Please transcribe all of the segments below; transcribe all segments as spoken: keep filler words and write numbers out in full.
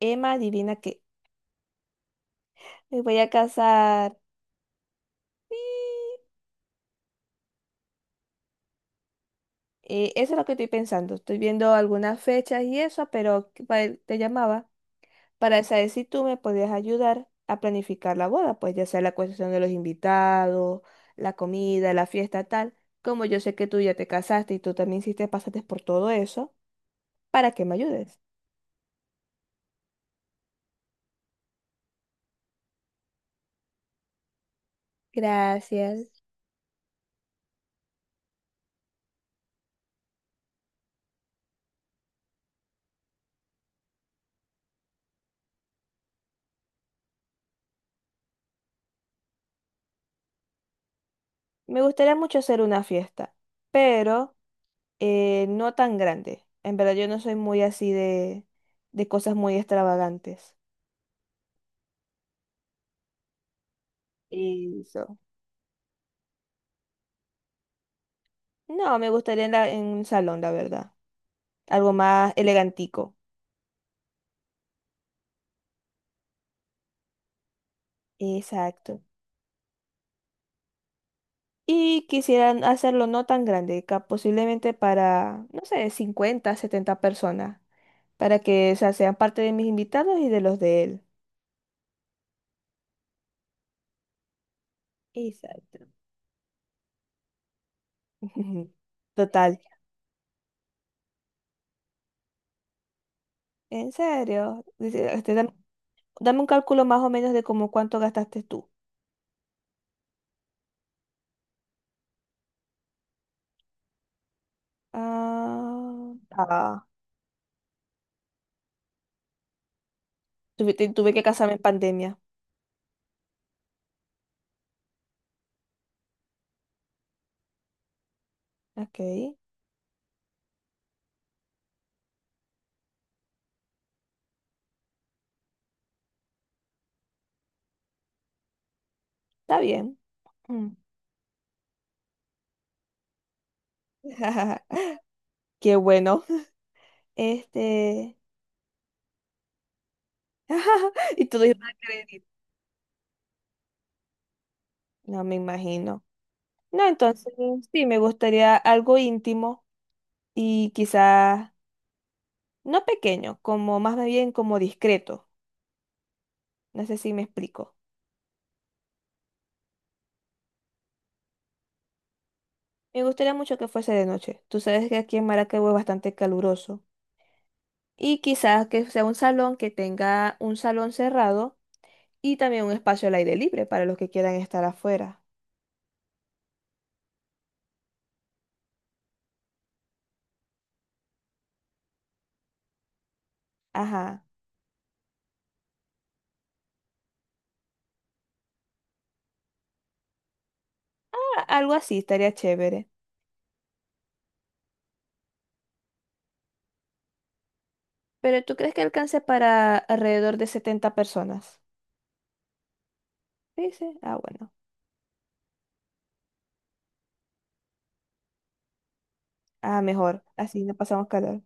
Emma, adivina qué. Me voy a casar. Y, eh, eso es lo que estoy pensando. Estoy viendo algunas fechas y eso, pero que pa- eh, te llamaba para saber si tú me podías ayudar a planificar la boda, pues ya sea la cuestión de los invitados, la comida, la fiesta, tal. Como yo sé que tú ya te casaste y tú también sí te pasaste por todo eso, para que me ayudes. Gracias. Me gustaría mucho hacer una fiesta, pero Eh, no tan grande. En verdad yo no soy muy así de, de cosas muy extravagantes. Eso. No, me gustaría en, la- en un salón, la verdad. Algo más elegantico. Exacto. Y quisieran hacerlo no tan grande, ca- posiblemente para, no sé, cincuenta setenta personas, para que, o sea, sean parte de mis invitados y de los de él. Exacto. Total. En serio. Dice, este, dam- dame un cálculo más o menos de como cuánto gastaste tú. Ah, ah, tuve, te- tuve que casarme en pandemia. Ok, está bien. Mm. Qué bueno. Este. Y todo iba a creer. No me imagino. No, entonces sí, me gustaría algo íntimo y quizás no pequeño, como más bien como discreto. No sé si me explico. Me gustaría mucho que fuese de noche. Tú sabes que aquí en Maracaibo es bastante caluroso. Y quizás que sea un salón que tenga un salón cerrado y también un espacio al aire libre para los que quieran estar afuera. Ajá, a- algo así estaría chévere. Pero ¿tú crees que alcance para alrededor de setenta personas? Sí, sí. Ah, bueno. Ah, mejor. Así no pasamos calor.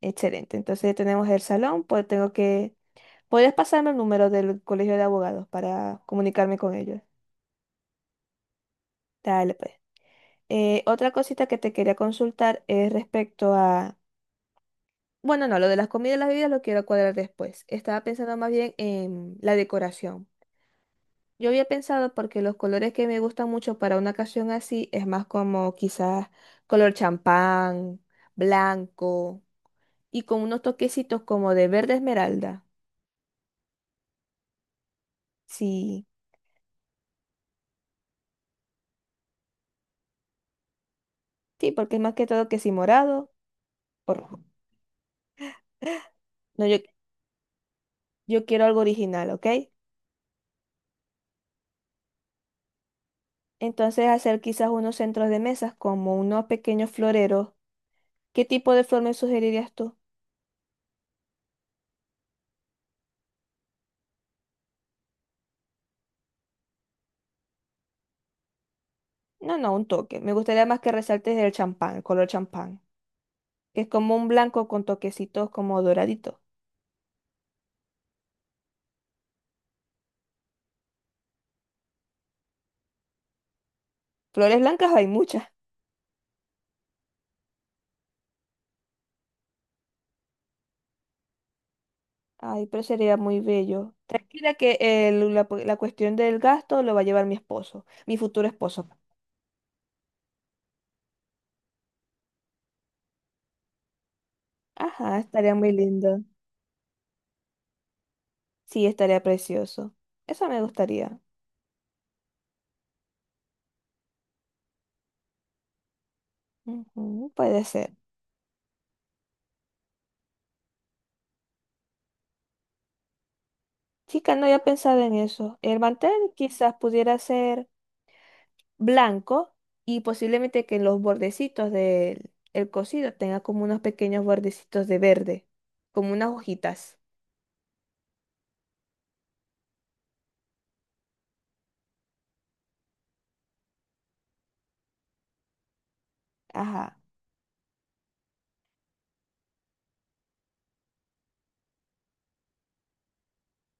Excelente. Entonces ya tenemos el salón, pues tengo que... ¿Podrías pasarme el número del colegio de abogados para comunicarme con ellos? Dale, pues. Eh, otra cosita que te quería consultar es respecto a... Bueno, no, lo de las comidas y las bebidas lo quiero cuadrar después. Estaba pensando más bien en la decoración. Yo había pensado porque los colores que me gustan mucho para una ocasión así es más como quizás color champán, blanco y con unos toquecitos como de verde esmeralda. Sí, sí, porque es más que todo que si morado o rojo. No, yo, yo quiero algo original, ¿ok? Entonces hacer quizás unos centros de mesas como unos pequeños floreros. ¿Qué tipo de flor me sugerirías tú? No, no, un toque. Me gustaría más que resaltes el champán, el color champán, que es como un blanco con toquecitos como doraditos. Flores blancas hay muchas. Ay, pero sería muy bello. Tranquila que el- la, pu- la cuestión del gasto lo va a llevar mi esposo, mi futuro esposo. Ajá, estaría muy lindo. Sí, estaría precioso. Eso me gustaría. Ujú, puede ser. Chica, no había pensado en eso. El mantel quizás pudiera ser blanco y posiblemente que en los bordecitos del el cocido tenga como unos pequeños bordecitos de verde, como unas hojitas. Ajá,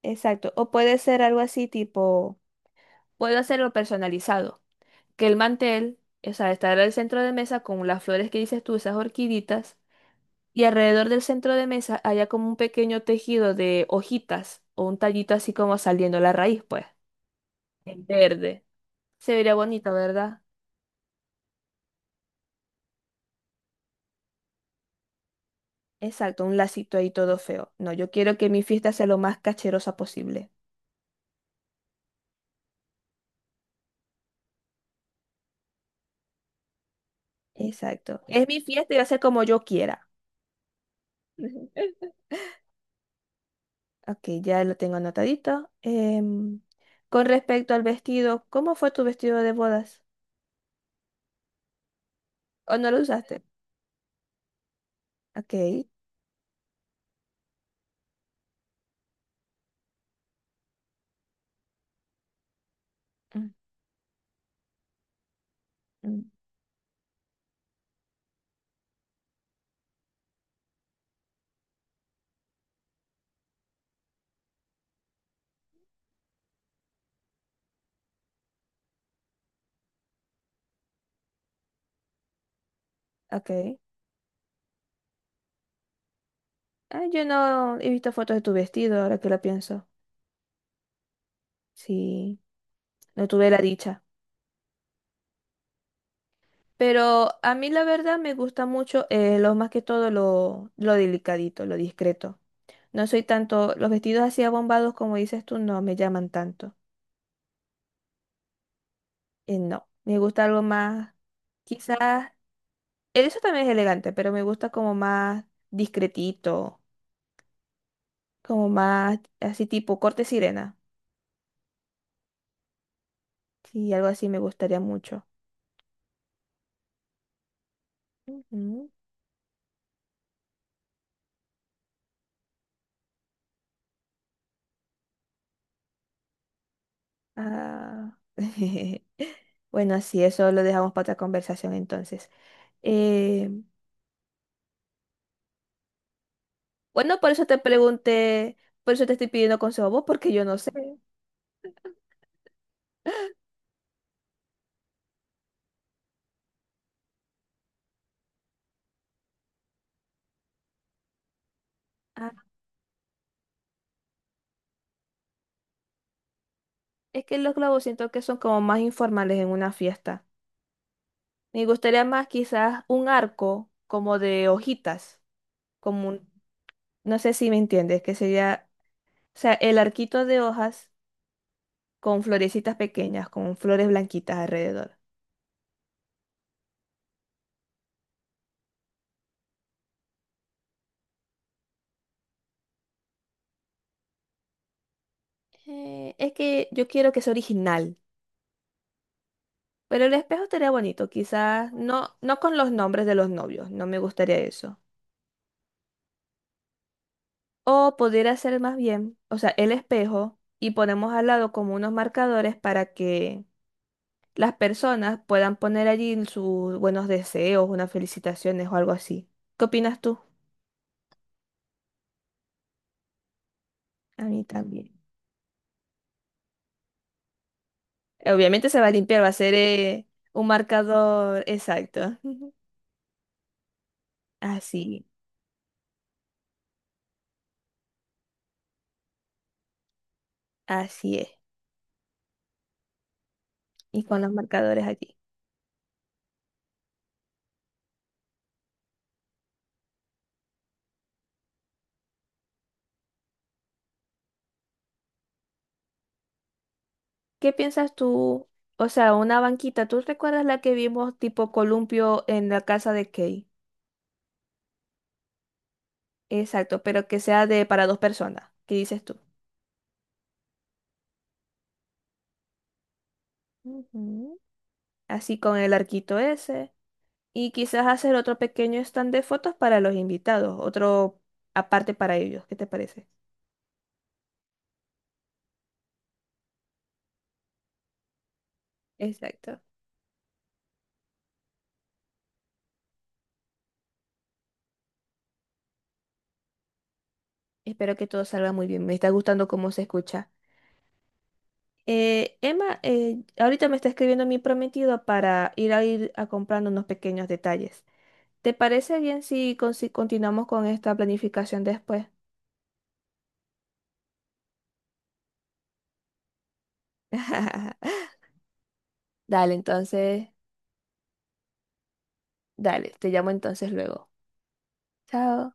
exacto. O puede ser algo así tipo... Puedo hacerlo personalizado, que el mantel, o sea, estará el centro de mesa con las flores que dices tú, esas orquiditas, y alrededor del centro de mesa haya como un pequeño tejido de hojitas o un tallito así como saliendo la raíz, pues, en verde. Se vería bonito, ¿verdad? Exacto, un lacito ahí todo feo. No, yo quiero que mi fiesta sea lo más cacherosa posible. Exacto. Es mi fiesta y va a ser como yo quiera. Ok, ya lo tengo anotadito. Em, con respecto al vestido, ¿cómo fue tu vestido de bodas? ¿O no lo usaste? Ok. Mm, mm, ok. Ah, yo no he visto fotos de tu vestido, ahora que lo pienso. Sí, no tuve la dicha. Pero a mí la verdad me gusta mucho eh, lo más que todo lo, lo delicadito, lo discreto. No soy tanto, los vestidos así abombados como dices tú no me llaman tanto. Eh, no, me gusta algo más, quizás eso también es elegante, pero me gusta como más discretito, como más así tipo corte sirena. Sí, algo así me gustaría mucho. Ujú. Ah. Bueno, así eso lo dejamos para otra conversación entonces. Eh, bueno, por eso te pregunté, por eso te estoy pidiendo consejo a vos, porque yo no sé. Ah, es que los globos siento que son como más informales en una fiesta. Me gustaría más quizás un arco como de hojitas, como un no sé si me entiendes, que sería, o sea, el arquito de hojas con florecitas pequeñas, con flores blanquitas alrededor. Eh, es que yo quiero que sea original, pero el espejo estaría bonito, quizás no, no con los nombres de los novios, no me gustaría eso. O podría ser más bien, o sea, el espejo y ponemos al lado como unos marcadores para que las personas puedan poner allí sus buenos deseos, unas felicitaciones o algo así. ¿Qué opinas tú? A mí también. eh, Obviamente se va a limpiar, va a ser eh, un marcador exacto. Así, así es. Y con los marcadores allí. ¿Qué piensas tú? O sea, una banquita, ¿tú recuerdas la que vimos tipo columpio en la casa de Kay? Exacto, pero que sea de para dos personas. ¿Qué dices tú? Ujú. Así con el arquito ese. Y quizás hacer otro pequeño stand de fotos para los invitados, otro aparte para ellos. ¿Qué te parece? Exacto. Espero que todo salga muy bien. Me está gustando cómo se escucha. Eh, Emma, eh, ahorita me está escribiendo mi prometido para ir a ir a comprando unos pequeños detalles. ¿Te parece bien si, con- si continuamos con esta planificación después? Dale, entonces, dale, te llamo entonces luego. Chao.